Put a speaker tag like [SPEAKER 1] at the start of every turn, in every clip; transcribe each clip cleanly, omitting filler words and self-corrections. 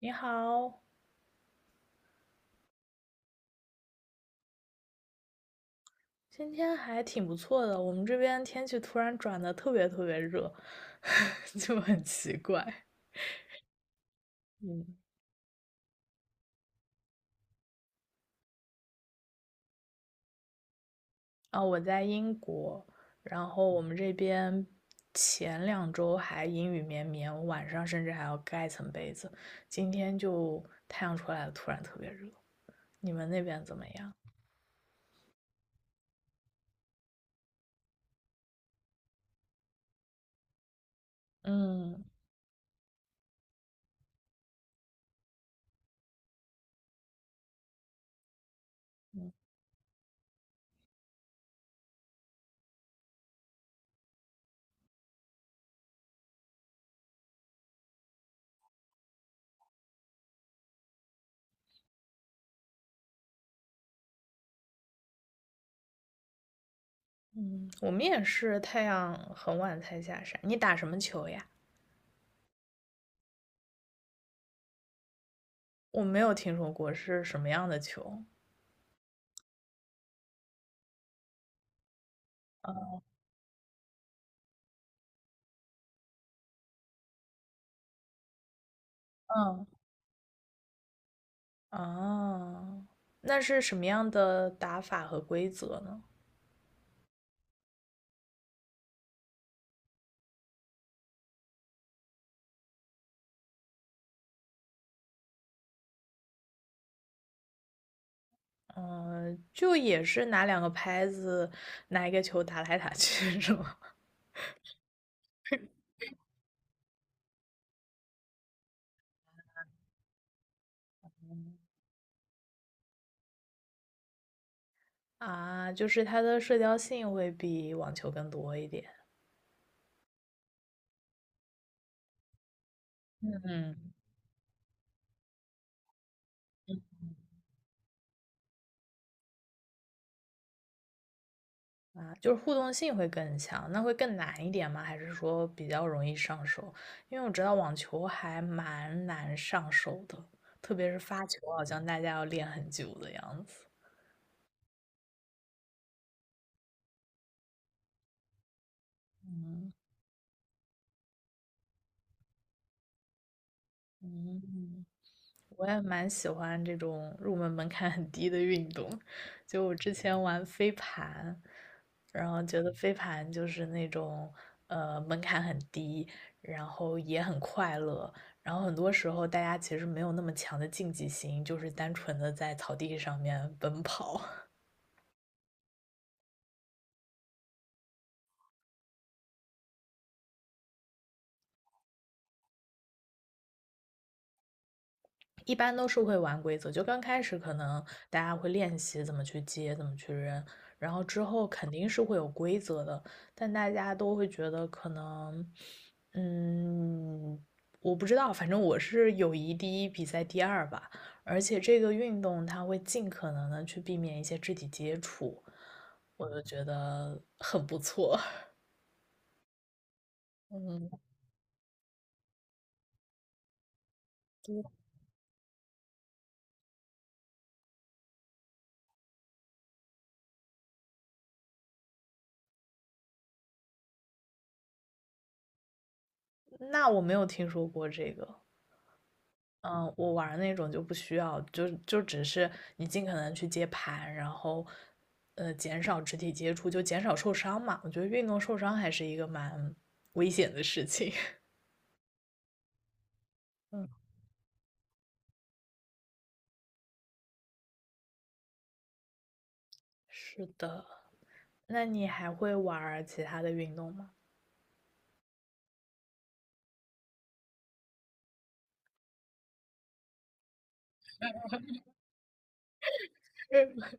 [SPEAKER 1] 你好，今天还挺不错的。我们这边天气突然转得特别特别热，就很奇怪。嗯，啊，我在英国，然后我们这边前两周还阴雨绵绵，晚上甚至还要盖层被子。今天就太阳出来了，突然特别热。你们那边怎么样？嗯嗯，我们也是太阳很晚才下山。你打什么球呀？我没有听说过是什么样的球。嗯。哦，那是什么样的打法和规则呢？嗯，就也是拿两个拍子，拿一个球打来打去，是吗？啊，就是它的社交性会比网球更多一点。嗯，啊，就是互动性会更强，那会更难一点吗？还是说比较容易上手？因为我知道网球还蛮难上手的，特别是发球，好像大家要练很久的样子。嗯，我也蛮喜欢这种入门门槛很低的运动，就我之前玩飞盘，然后觉得飞盘就是那种门槛很低，然后也很快乐，然后很多时候大家其实没有那么强的竞技心，就是单纯的在草地上面奔跑。一般都是会玩规则，就刚开始可能大家会练习怎么去接，怎么去扔，然后之后肯定是会有规则的，但大家都会觉得可能，嗯，我不知道，反正我是友谊第一，比赛第二吧。而且这个运动它会尽可能的去避免一些肢体接触，我就觉得很不错。嗯，那我没有听说过这个。嗯，我玩儿那种就不需要，就只是你尽可能去接盘，然后，呃，减少肢体接触，就减少受伤嘛。我觉得运动受伤还是一个蛮危险的事情。是的，那你还会玩儿其他的运动吗？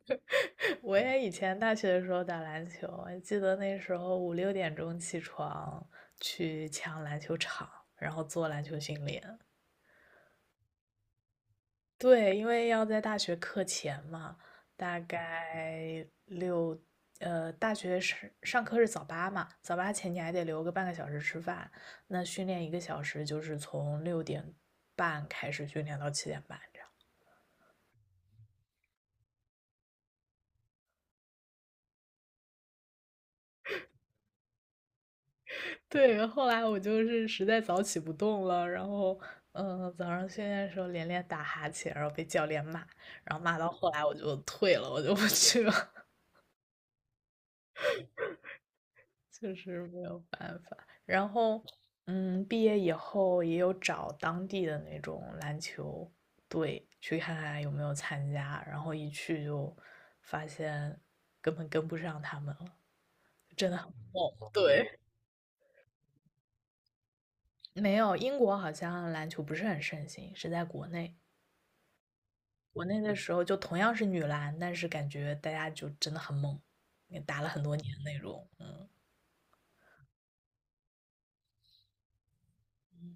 [SPEAKER 1] 我也以前大学的时候打篮球，我记得那时候五六点钟起床去抢篮球场，然后做篮球训练。对，因为要在大学课前嘛，大概六，呃，大学是上课是早八嘛，早八前你还得留个半个小时吃饭，那训练一个小时就是从六点半开始训练到七点半这样。对，后来我就是实在早起不动了，然后，嗯、早上训练的时候连打哈欠，然后被教练骂，然后骂到后来我就退了，我就不去了。确实没有办法。然后，嗯，毕业以后也有找当地的那种篮球队去看看有没有参加，然后一去就发现根本跟不上他们了，真的很猛。对，没有，英国好像篮球不是很盛行，是在国内。国内的时候就同样是女篮，但是感觉大家就真的很猛，也打了很多年那种。嗯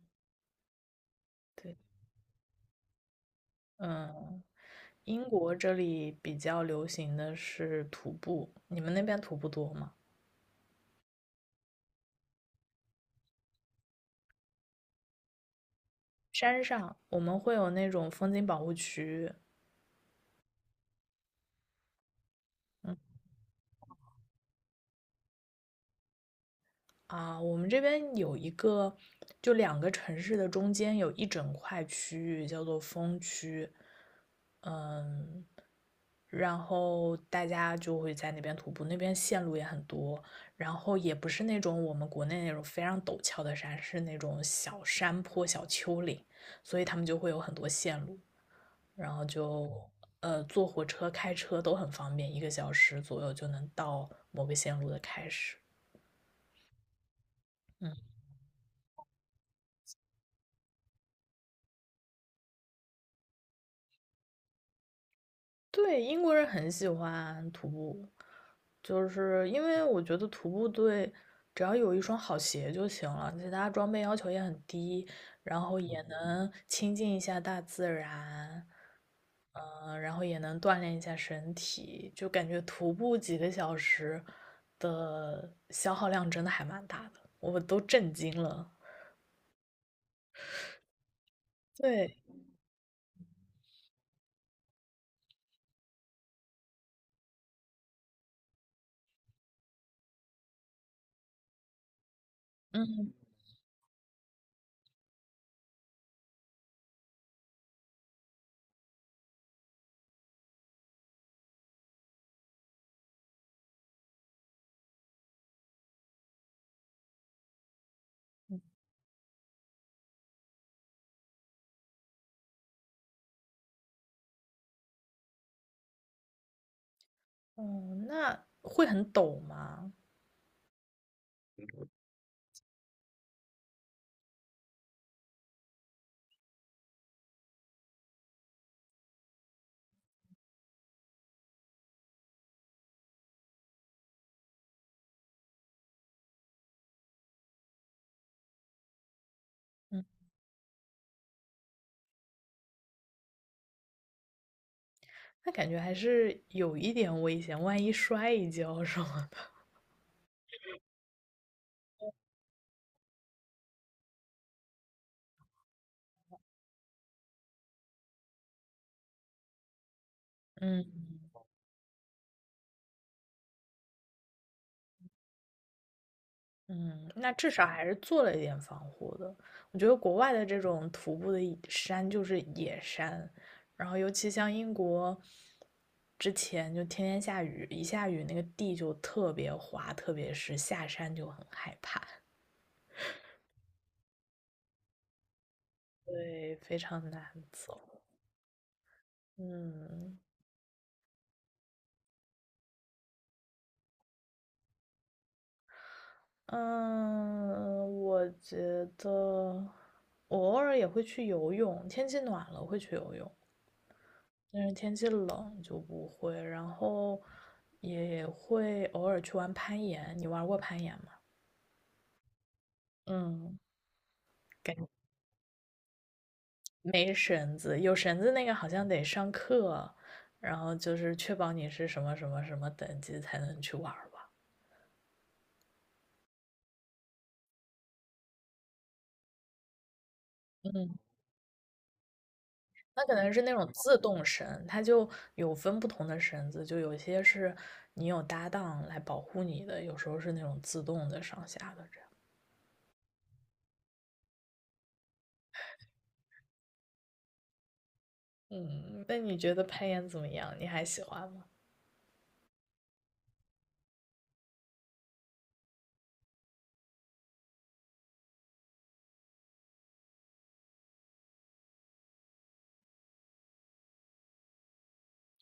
[SPEAKER 1] 对，嗯。英国这里比较流行的是徒步，你们那边徒步多吗？山上我们会有那种风景保护区，嗯，啊，我们这边有一个，就两个城市的中间有一整块区域叫做风区，嗯，然后大家就会在那边徒步，那边线路也很多，然后也不是那种我们国内那种非常陡峭的山，是那种小山坡、小丘陵，所以他们就会有很多线路。然后就呃坐火车、开车都很方便，一个小时左右就能到某个线路的开始。对，英国人很喜欢徒步，就是因为我觉得徒步对，只要有一双好鞋就行了，其他装备要求也很低，然后也能亲近一下大自然，嗯、然后也能锻炼一下身体，就感觉徒步几个小时的消耗量真的还蛮大的，我都震惊了。对，嗯，哦，那会很陡吗？嗯，那感觉还是有一点危险，万一摔一跤什么的。嗯嗯，那至少还是做了一点防护的。我觉得国外的这种徒步的山就是野山，然后尤其像英国，之前就天天下雨，一下雨那个地就特别滑，特别是下山就很害怕，对，非常难走。嗯，嗯，我觉得我偶尔也会去游泳，天气暖了会去游泳，但是天气冷就不会。然后也会偶尔去玩攀岩，你玩过攀岩吗？嗯，感没绳子，有绳子那个好像得上课，然后就是确保你是什么什么什么等级才能去玩儿吧。嗯。那可能是那种自动绳，它就有分不同的绳子，就有些是你有搭档来保护你的，有时候是那种自动的上下的这样。嗯，那你觉得攀岩怎么样？你还喜欢吗？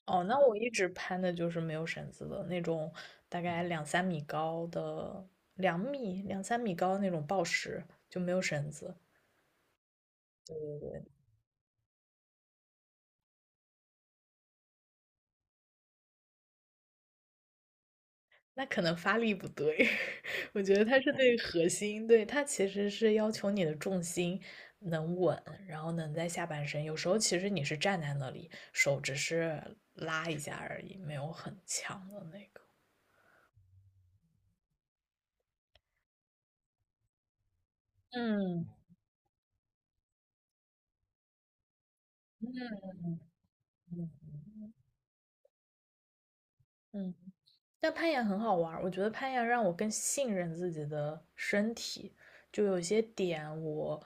[SPEAKER 1] 哦，那我一直攀的就是没有绳子的那种，大概两三米高的，两三米高的那种抱石，就没有绳子，那可能发力不对，我觉得它是对核心，对，它其实是要求你的重心能稳，然后能在下半身。有时候其实你是站在那里，手只是拉一下而已，没有很强的那个。嗯嗯嗯嗯。但攀岩很好玩儿，我觉得攀岩让我更信任自己的身体，就有些点我，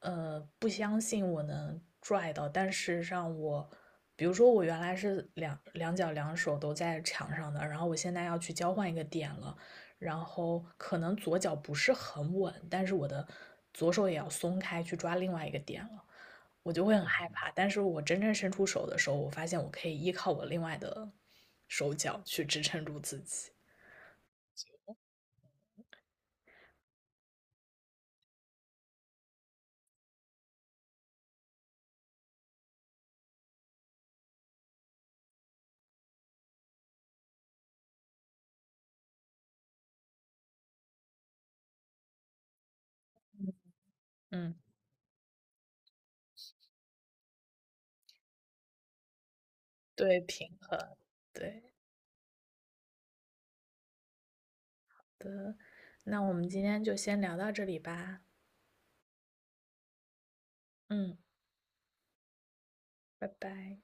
[SPEAKER 1] 呃，不相信我能拽到，但事实上我，比如说我原来是两脚两手都在墙上的，然后我现在要去交换一个点了，然后可能左脚不是很稳，但是我的左手也要松开去抓另外一个点了，我就会很害怕。但是我真正伸出手的时候，我发现我可以依靠我另外的手脚去支撑住自己。嗯，对，平衡，对的。那我们今天就先聊到这里吧。嗯，拜拜。